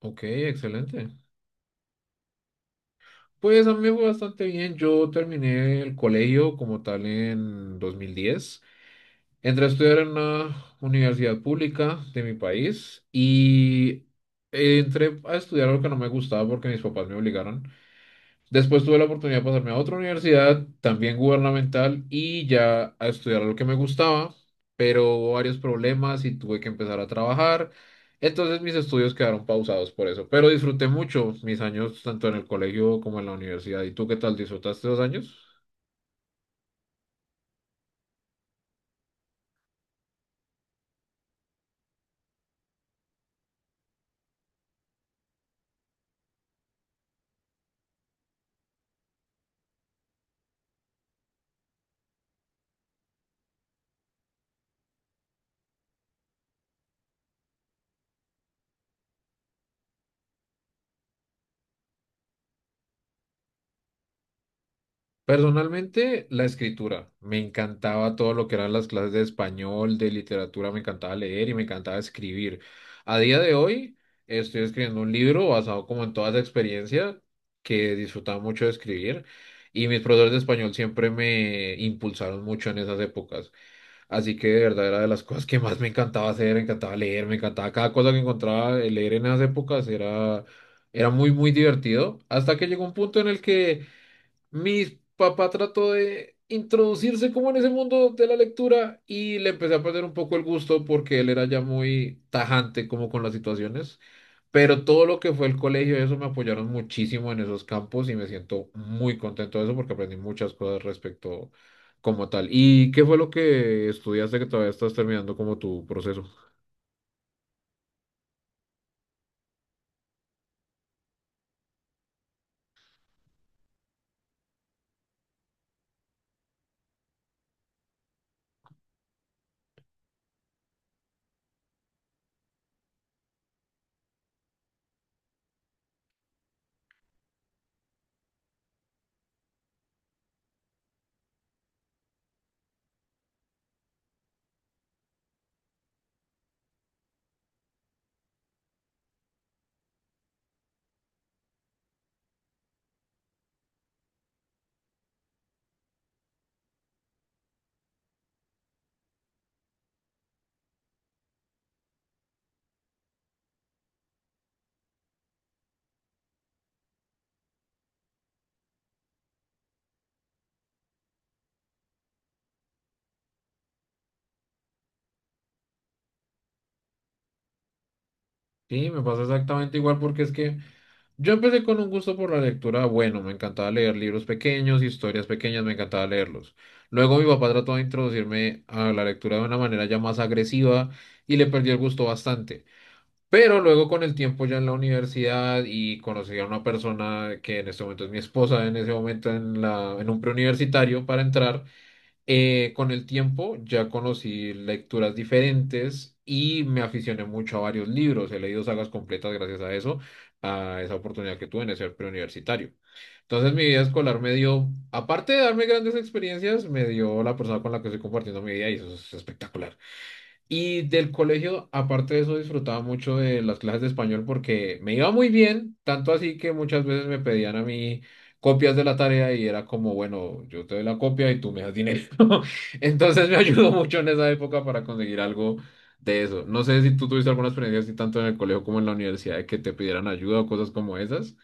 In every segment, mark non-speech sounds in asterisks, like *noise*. Ok, excelente. Pues a mí me fue bastante bien. Yo terminé el colegio como tal en 2010. Entré a estudiar en una universidad pública de mi país y entré a estudiar algo que no me gustaba porque mis papás me obligaron. Después tuve la oportunidad de pasarme a otra universidad, también gubernamental, y ya a estudiar lo que me gustaba, pero hubo varios problemas y tuve que empezar a trabajar. Entonces mis estudios quedaron pausados por eso, pero disfruté mucho mis años tanto en el colegio como en la universidad. ¿Y tú qué tal? ¿Disfrutaste dos años? Personalmente, la escritura. Me encantaba todo lo que eran las clases de español, de literatura, me encantaba leer y me encantaba escribir. A día de hoy, estoy escribiendo un libro basado como en toda esa experiencia que disfrutaba mucho de escribir y mis profesores de español siempre me impulsaron mucho en esas épocas. Así que de verdad era de las *laughs* cosas que más me encantaba hacer, me encantaba leer, me encantaba cada cosa que encontraba leer en esas épocas era muy, muy divertido hasta que llegó un punto en el que. Mi papá trató de introducirse como en ese mundo de la lectura y le empecé a perder un poco el gusto porque él era ya muy tajante como con las situaciones, pero todo lo que fue el colegio, eso me apoyaron muchísimo en esos campos y me siento muy contento de eso porque aprendí muchas cosas respecto como tal. ¿Y qué fue lo que estudiaste que todavía estás terminando como tu proceso? Sí, me pasa exactamente igual porque es que. Yo empecé con un gusto por la lectura bueno, me encantaba leer libros pequeños, historias pequeñas, me encantaba leerlos. Luego mi papá trató de introducirme a la lectura de una manera ya más agresiva y le perdí el gusto bastante. Pero luego con el tiempo ya en la universidad y conocí a una persona que en este momento es mi esposa, en ese momento en en un preuniversitario para entrar. Con el tiempo ya conocí lecturas diferentes y me aficioné mucho a varios libros. He leído sagas completas gracias a eso, a esa oportunidad que tuve de ser preuniversitario. Entonces mi vida escolar me dio, aparte de darme grandes experiencias, me dio la persona con la que estoy compartiendo mi vida y eso es espectacular. Y del colegio, aparte de eso, disfrutaba mucho de las clases de español porque me iba muy bien, tanto así que muchas veces me pedían a mí copias de la tarea y era como, bueno, yo te doy la copia y tú me das dinero. *laughs* Entonces me ayudó mucho en esa época para conseguir algo de eso. No sé si tú tuviste alguna experiencia así tanto en el colegio como en la universidad de que te pidieran ayuda o cosas como esas.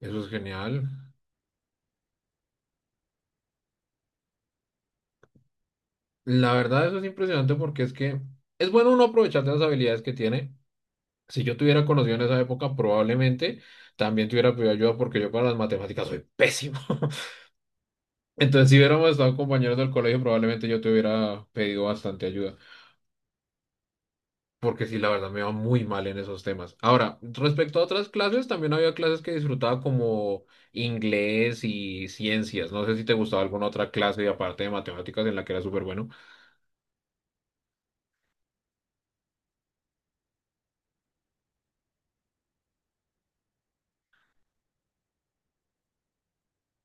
Eso es genial. La verdad, eso es impresionante porque es que es bueno uno aprovechar de las habilidades que tiene. Si yo tuviera conocido en esa época, probablemente también tuviera pedido ayuda porque yo para las matemáticas soy pésimo. *laughs* Entonces, si hubiéramos estado compañeros del colegio, probablemente yo te hubiera pedido bastante ayuda, porque sí, la verdad me va muy mal en esos temas. Ahora, respecto a otras clases, también había clases que disfrutaba como inglés y ciencias. No sé si te gustaba alguna otra clase aparte de matemáticas en la que era súper bueno.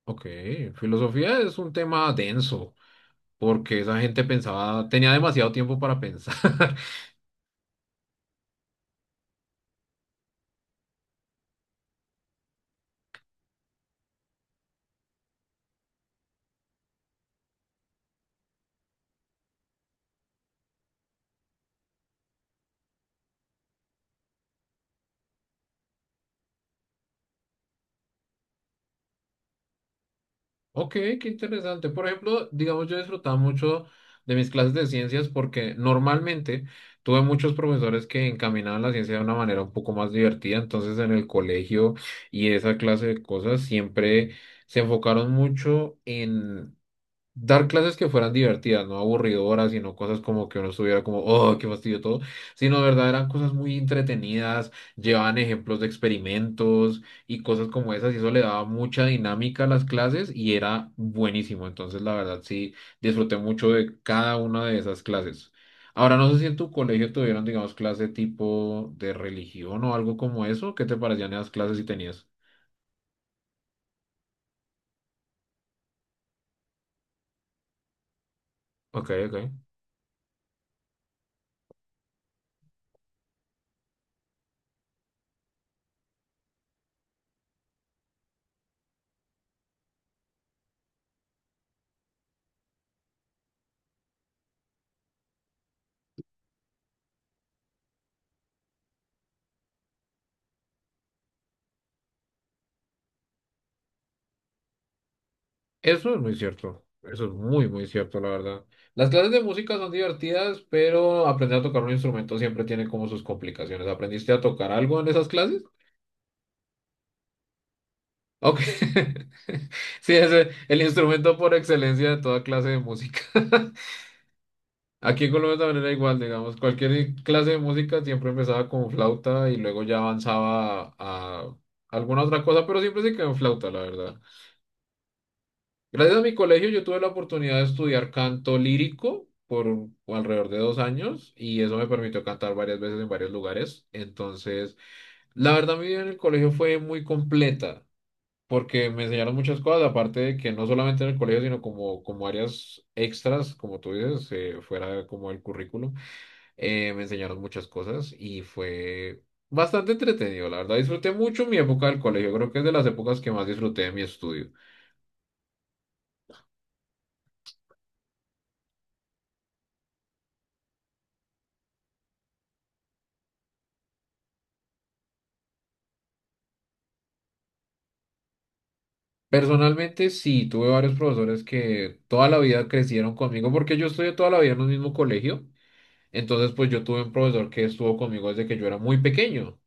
Ok, filosofía es un tema denso, porque esa gente pensaba, tenía demasiado tiempo para pensar. *laughs* Ok, qué interesante. Por ejemplo, digamos, yo disfrutaba mucho de mis clases de ciencias porque normalmente tuve muchos profesores que encaminaban la ciencia de una manera un poco más divertida. Entonces, en el colegio y esa clase de cosas siempre se enfocaron mucho dar clases que fueran divertidas, no aburridoras, sino cosas como que uno estuviera como, oh, qué fastidio todo, sino de verdad eran cosas muy entretenidas, llevaban ejemplos de experimentos y cosas como esas, y eso le daba mucha dinámica a las clases y era buenísimo. Entonces, la verdad, sí, disfruté mucho de cada una de esas clases. Ahora, no sé si en tu colegio tuvieron, digamos, clase tipo de religión o algo como eso. ¿Qué te parecían esas clases si tenías? Ok, ok. Eso es muy cierto, eso es muy, muy cierto, la verdad. Las clases de música son divertidas, pero aprender a tocar un instrumento siempre tiene como sus complicaciones. ¿Aprendiste a tocar algo en esas clases? Ok. *laughs* Sí, es el instrumento por excelencia de toda clase de música. *laughs* Aquí en Colombia también era igual, digamos, cualquier clase de música siempre empezaba con flauta y luego ya avanzaba a alguna otra cosa, pero siempre se quedó en flauta, la verdad. Gracias a mi colegio yo tuve la oportunidad de estudiar canto lírico por alrededor de dos años y eso me permitió cantar varias veces en varios lugares. Entonces, la verdad mi vida en el colegio fue muy completa porque me enseñaron muchas cosas, aparte de que no solamente en el colegio, sino como, como áreas extras, como tú dices, fuera como el currículum, me enseñaron muchas cosas y fue bastante entretenido, la verdad. Disfruté mucho mi época del colegio, creo que es de las épocas que más disfruté de mi estudio. Personalmente sí, tuve varios profesores que toda la vida crecieron conmigo porque yo estudié toda la vida en un mismo colegio. Entonces, pues yo tuve un profesor que estuvo conmigo desde que yo era muy pequeño.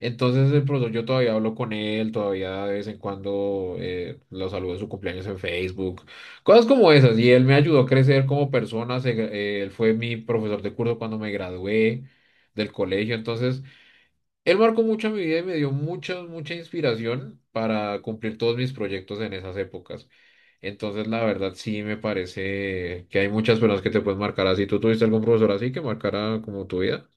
Entonces, el profesor, yo todavía hablo con él, todavía de vez en cuando lo saludo en su cumpleaños en Facebook, cosas como esas. Y él me ayudó a crecer como persona. Él fue mi profesor de curso cuando me gradué del colegio. Entonces, él marcó mucho mi vida y me dio mucha, mucha inspiración para cumplir todos mis proyectos en esas épocas. Entonces, la verdad, sí me parece que hay muchas personas que te pueden marcar así. ¿Tú tuviste algún profesor así que marcara como tu vida?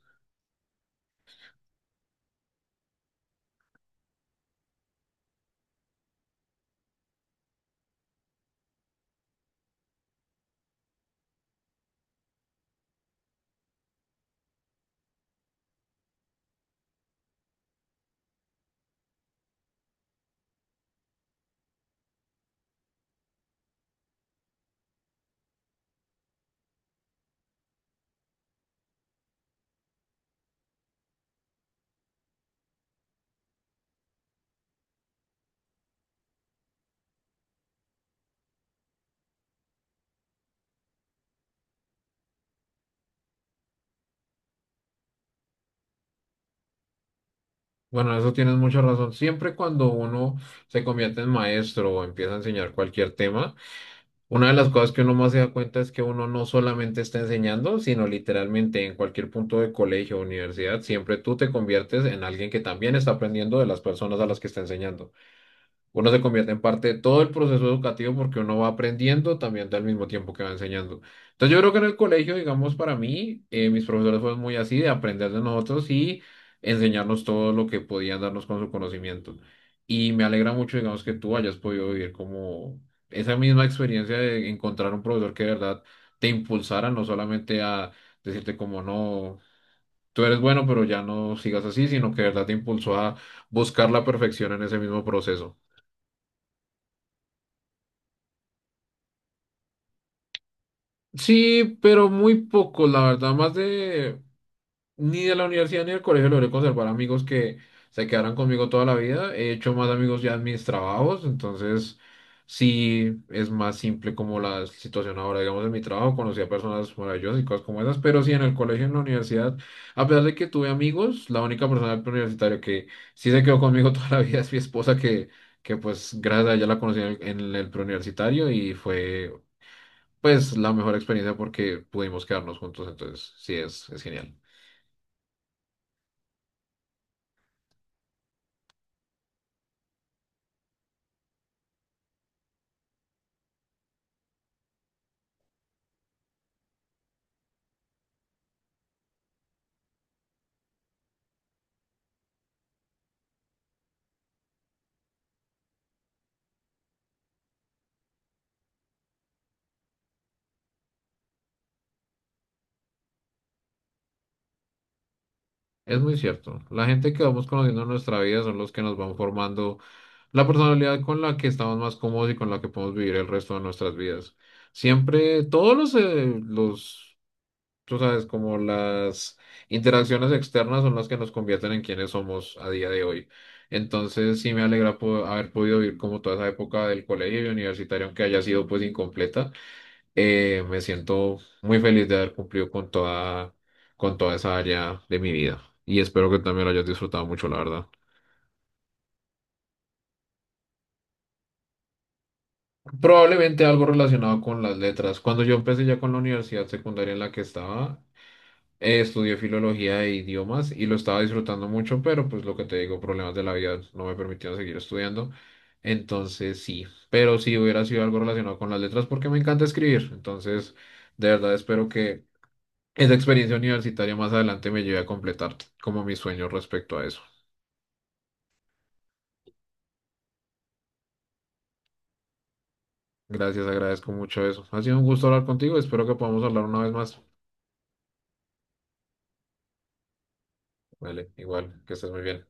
Bueno, en eso tienes mucha razón. Siempre cuando uno se convierte en maestro o empieza a enseñar cualquier tema, una de las cosas que uno más se da cuenta es que uno no solamente está enseñando, sino literalmente en cualquier punto de colegio o universidad, siempre tú te conviertes en alguien que también está aprendiendo de las personas a las que está enseñando. Uno se convierte en parte de todo el proceso educativo porque uno va aprendiendo también al mismo tiempo que va enseñando. Entonces yo creo que en el colegio, digamos, para mí, mis profesores fueron muy así, de aprender de nosotros y enseñarnos todo lo que podían darnos con su conocimiento. Y me alegra mucho, digamos, que tú hayas podido vivir como esa misma experiencia de encontrar un profesor que de verdad te impulsara, no solamente a decirte como no, tú eres bueno, pero ya no sigas así, sino que de verdad te impulsó a buscar la perfección en ese mismo proceso. Sí, pero muy poco, la verdad, más de ni de la universidad ni del colegio logré conservar amigos que se quedaran conmigo toda la vida. He hecho más amigos ya en mis trabajos, entonces sí es más simple como la situación ahora, digamos, en mi trabajo, conocí a personas maravillosas y cosas como esas, pero sí en el colegio, en la universidad, a pesar de que tuve amigos, la única persona del universitario que sí se quedó conmigo *laughs* toda la vida es mi esposa que pues gracias a ella la conocí en el preuniversitario y fue pues la mejor experiencia porque pudimos quedarnos juntos, entonces sí es genial. Es muy cierto. La gente que vamos conociendo en nuestra vida son los que nos van formando la personalidad con la que estamos más cómodos y con la que podemos vivir el resto de nuestras vidas. Siempre, todos los, tú sabes, como las interacciones externas son las que nos convierten en quienes somos a día de hoy. Entonces, sí me alegra haber podido vivir como toda esa época del colegio y universitario, aunque haya sido pues incompleta. Me siento muy feliz de haber cumplido con con toda esa área de mi vida. Y espero que también lo hayas disfrutado mucho, la verdad. Probablemente algo relacionado con las letras. Cuando yo empecé ya con la universidad secundaria en la que estaba, estudié filología e idiomas y lo estaba disfrutando mucho, pero pues lo que te digo, problemas de la vida no me permitieron seguir estudiando. Entonces sí, pero si hubiera sido algo relacionado con las letras porque me encanta escribir. Entonces, de verdad espero que esa experiencia universitaria más adelante me llevé a completar como mis sueños respecto a eso. Gracias, agradezco mucho eso. Ha sido un gusto hablar contigo, espero que podamos hablar una vez más. Vale, igual, que estés muy bien.